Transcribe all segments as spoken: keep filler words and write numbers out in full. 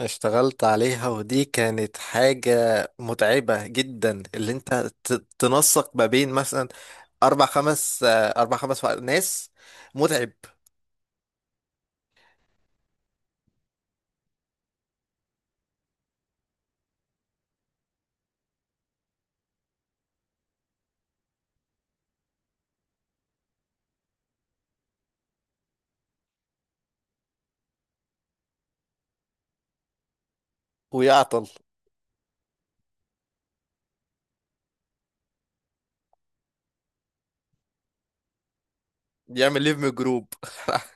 اشتغلت عليها، ودي كانت حاجة متعبة جدا. اللي انت ت- تنسق ما بين مثلا اربع خمس آه، اربع خمس ناس. متعب. ويعطل. يعمل ليف جروب.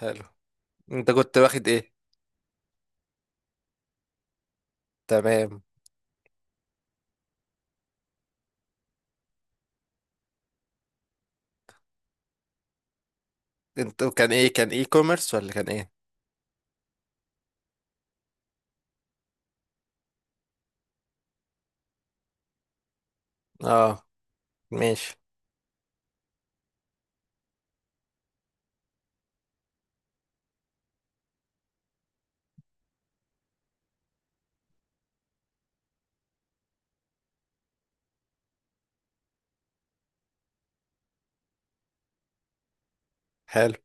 حلو. انت كنت واخد ايه؟ تمام. انت كان ايه؟ كان اي كوميرس ولا كان ايه؟ اه، ماشي. حلو.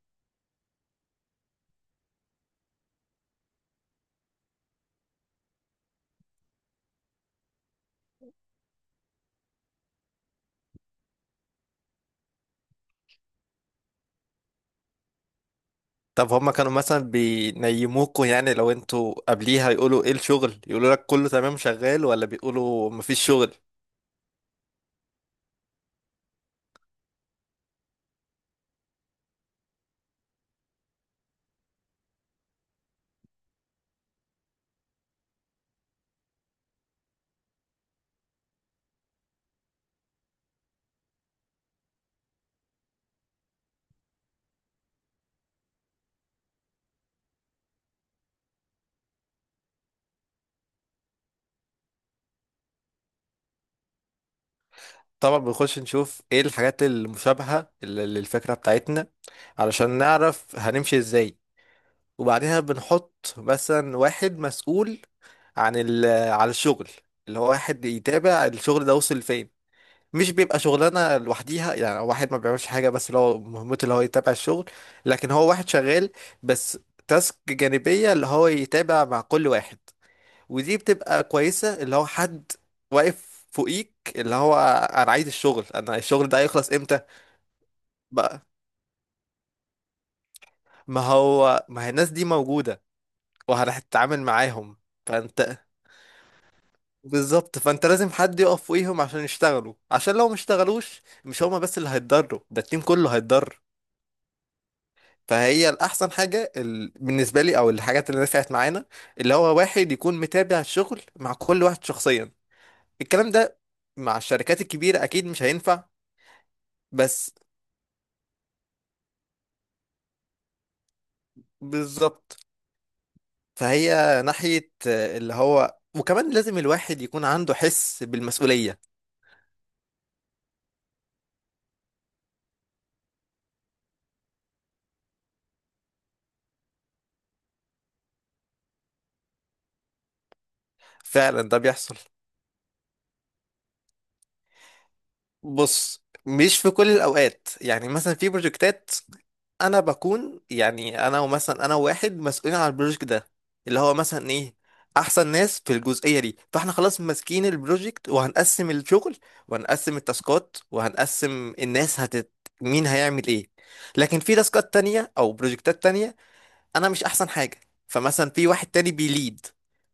طب هما كانوا مثلا بينيموكوا؟ يعني لو انتوا قبليها يقولوا ايه الشغل؟ يقولوا لك كله تمام شغال ولا بيقولوا مفيش شغل؟ طبعا بنخش نشوف ايه الحاجات المشابهة لل- للفكرة بتاعتنا، علشان نعرف هنمشي ازاي. وبعدها بنحط مثلا واحد مسؤول عن ال على الشغل، اللي هو واحد يتابع الشغل ده وصل فين. مش بيبقى شغلانة لوحديها، يعني واحد ما بيعملش حاجة، بس اللي هو مهمته اللي هو يتابع الشغل. لكن هو واحد شغال بس، تاسك جانبية اللي هو يتابع مع كل واحد. ودي بتبقى كويسة، اللي هو حد واقف فوقيك، اللي هو انا عايز الشغل، انا الشغل ده هيخلص امتى؟ بقى ما هو، ما هي الناس دي موجودة وهتتعامل معاهم. فانت، بالظبط. فانت لازم حد يقف فوقيهم عشان يشتغلوا، عشان لو ما اشتغلوش مش هما بس اللي هيتضروا، ده التيم كله هيتضر. فهي الأحسن حاجة ال... بالنسبة لي، أو الحاجات اللي نفعت معانا، اللي هو واحد يكون متابع الشغل مع كل واحد شخصيا. الكلام ده مع الشركات الكبيرة أكيد مش هينفع. بس بالظبط. فهي ناحية آه، اللي هو، وكمان لازم الواحد يكون عنده حس بالمسؤولية. فعلا ده بيحصل. بص، مش في كل الأوقات. يعني مثلا في بروجكتات أنا بكون، يعني أنا ومثلا أنا وواحد مسؤولين على البروجكت ده، اللي هو مثلا إيه، أحسن ناس في الجزئية دي. فإحنا خلاص ماسكين البروجكت وهنقسم الشغل وهنقسم التاسكات وهنقسم الناس هتت، مين هيعمل إيه. لكن في تاسكات تانية أو بروجكتات تانية انا مش احسن حاجه، فمثلا في واحد تاني بيليد،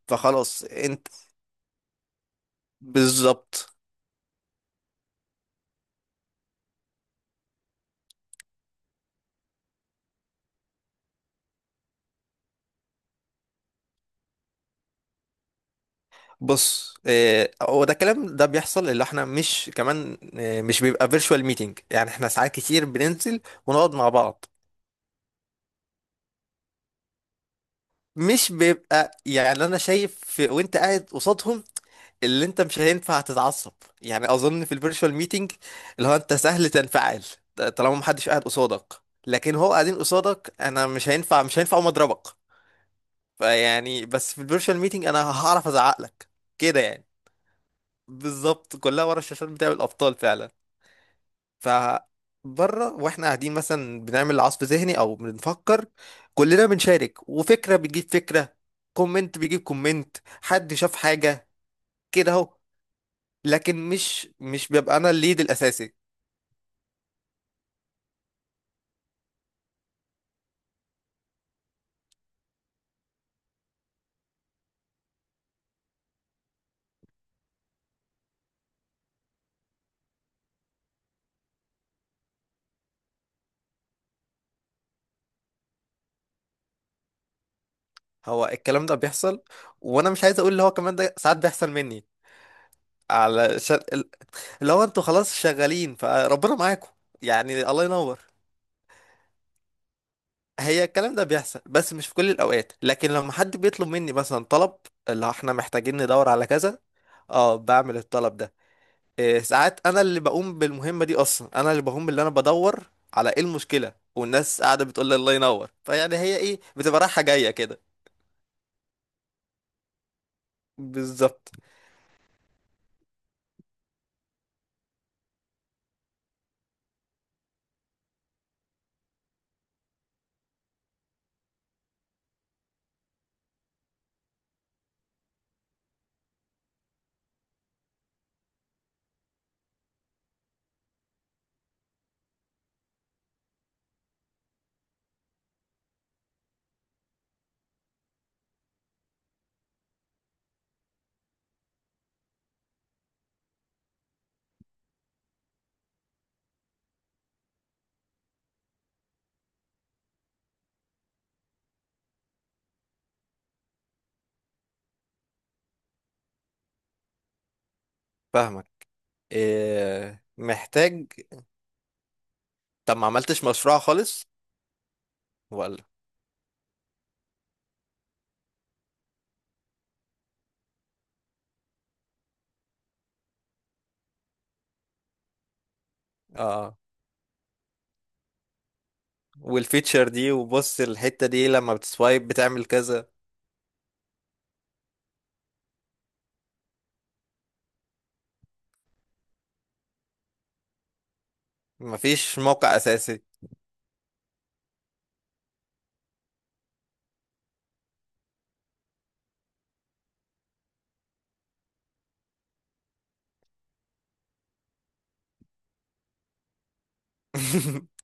فخلاص انت، بالظبط. بص آه، هو ده. الكلام ده بيحصل، اللي احنا مش كمان، آه، مش بيبقى فيرتشوال ميتنج. يعني احنا ساعات كتير بننزل ونقعد مع بعض. مش بيبقى يعني، انا شايف في- وانت قاعد قصادهم اللي انت مش هينفع تتعصب. يعني اظن في الفيرتشوال ميتنج اللي هو انت سهل تنفعل طالما محدش قاعد قصادك. لكن هو قاعدين قصادك انا مش هينفع مش هينفع أقوم اضربك. فيعني بس في الفيرتشوال ميتنج انا هعرف ازعق لك كده يعني. بالظبط، كلها ورا الشاشات بتاع الابطال فعلا. ف بره واحنا قاعدين مثلا بنعمل عصف ذهني او بنفكر، كلنا بنشارك، وفكره بتجيب فكره، كومنت بيجيب كومنت، حد شاف حاجه كده اهو. لكن مش مش بيبقى انا الليد الاساسي. هو الكلام ده بيحصل، وانا مش عايز اقول اللي هو كمان ده ساعات بيحصل مني على شر... اللي هو انتوا خلاص شغالين فربنا معاكم، يعني الله ينور. هي الكلام ده بيحصل بس مش في كل الاوقات. لكن لما حد بيطلب مني مثلا طلب، اللي احنا محتاجين ندور على كذا، اه بعمل الطلب ده. إيه ساعات انا اللي بقوم بالمهمة دي اصلا، انا اللي بقوم اللي انا بدور على ايه المشكلة والناس قاعدة بتقول لي الله ينور. فيعني هي ايه، بتبقى رايحة جاية كده. بالظبط. فاهمك. إيه محتاج. طب ما عملتش مشروع خالص ولا؟ اه، والفيتشر دي، وبص الحتة دي لما بتسوايب بتعمل كذا. مفيش موقع اساسي.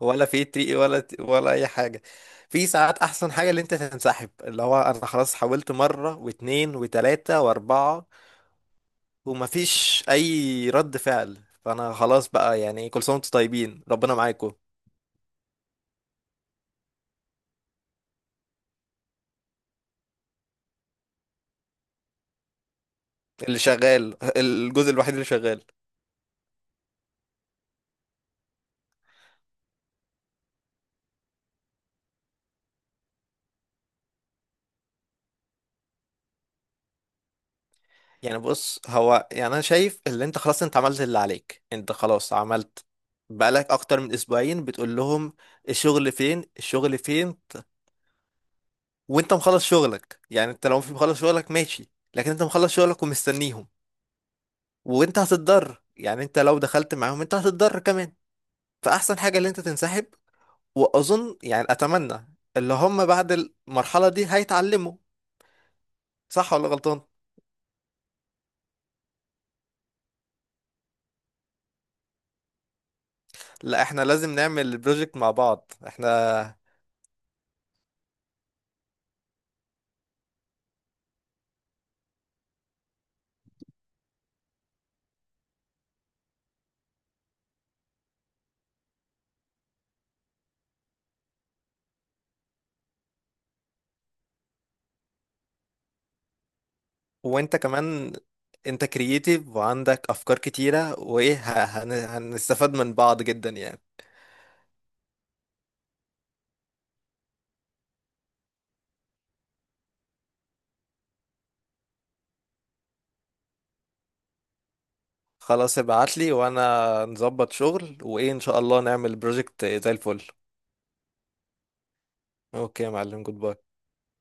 ولا في تي ولا ت- ولا اي حاجه. في ساعات احسن حاجه اللي انت تنسحب، اللي هو انا خلاص حاولت مره واتنين وتلاته واربعه ومفيش اي رد فعل. فانا خلاص بقى، يعني كل سنه وانتم طيبين، ربنا معاكم. اللي شغال الجزء الوحيد اللي شغال. يعني بص، هو يعني انا شايف اللي انت خلاص انت عملت اللي عليك، انت خلاص عملت. بقالك اكتر من اسبوعين بتقول لهم الشغل فين الشغل فين. وانت مخلص شغلك يعني، انت لو في مخلص شغلك ماشي، لكن انت مخلص شغلك ومستنيهم. وانت هتتضر يعني، انت لو دخلت معاهم انت هتتضر كمان. فاحسن حاجة اللي انت تنسحب. واظن يعني، اتمنى اللي هم بعد المرحلة دي هيتعلموا. صح ولا غلطان؟ لا، احنا لازم نعمل البروجكت مع بعض احنا. وانت كمان، انت كرييتيف وعندك افكار كتيرة، وايه، ه- هن- هنستفاد من بعض جدا يعني. خلاص، ابعتلي وانا نظبط شغل، وايه، ان شاء الله نعمل بروجكت زي الفل. اوكي يا معلم، جود باي.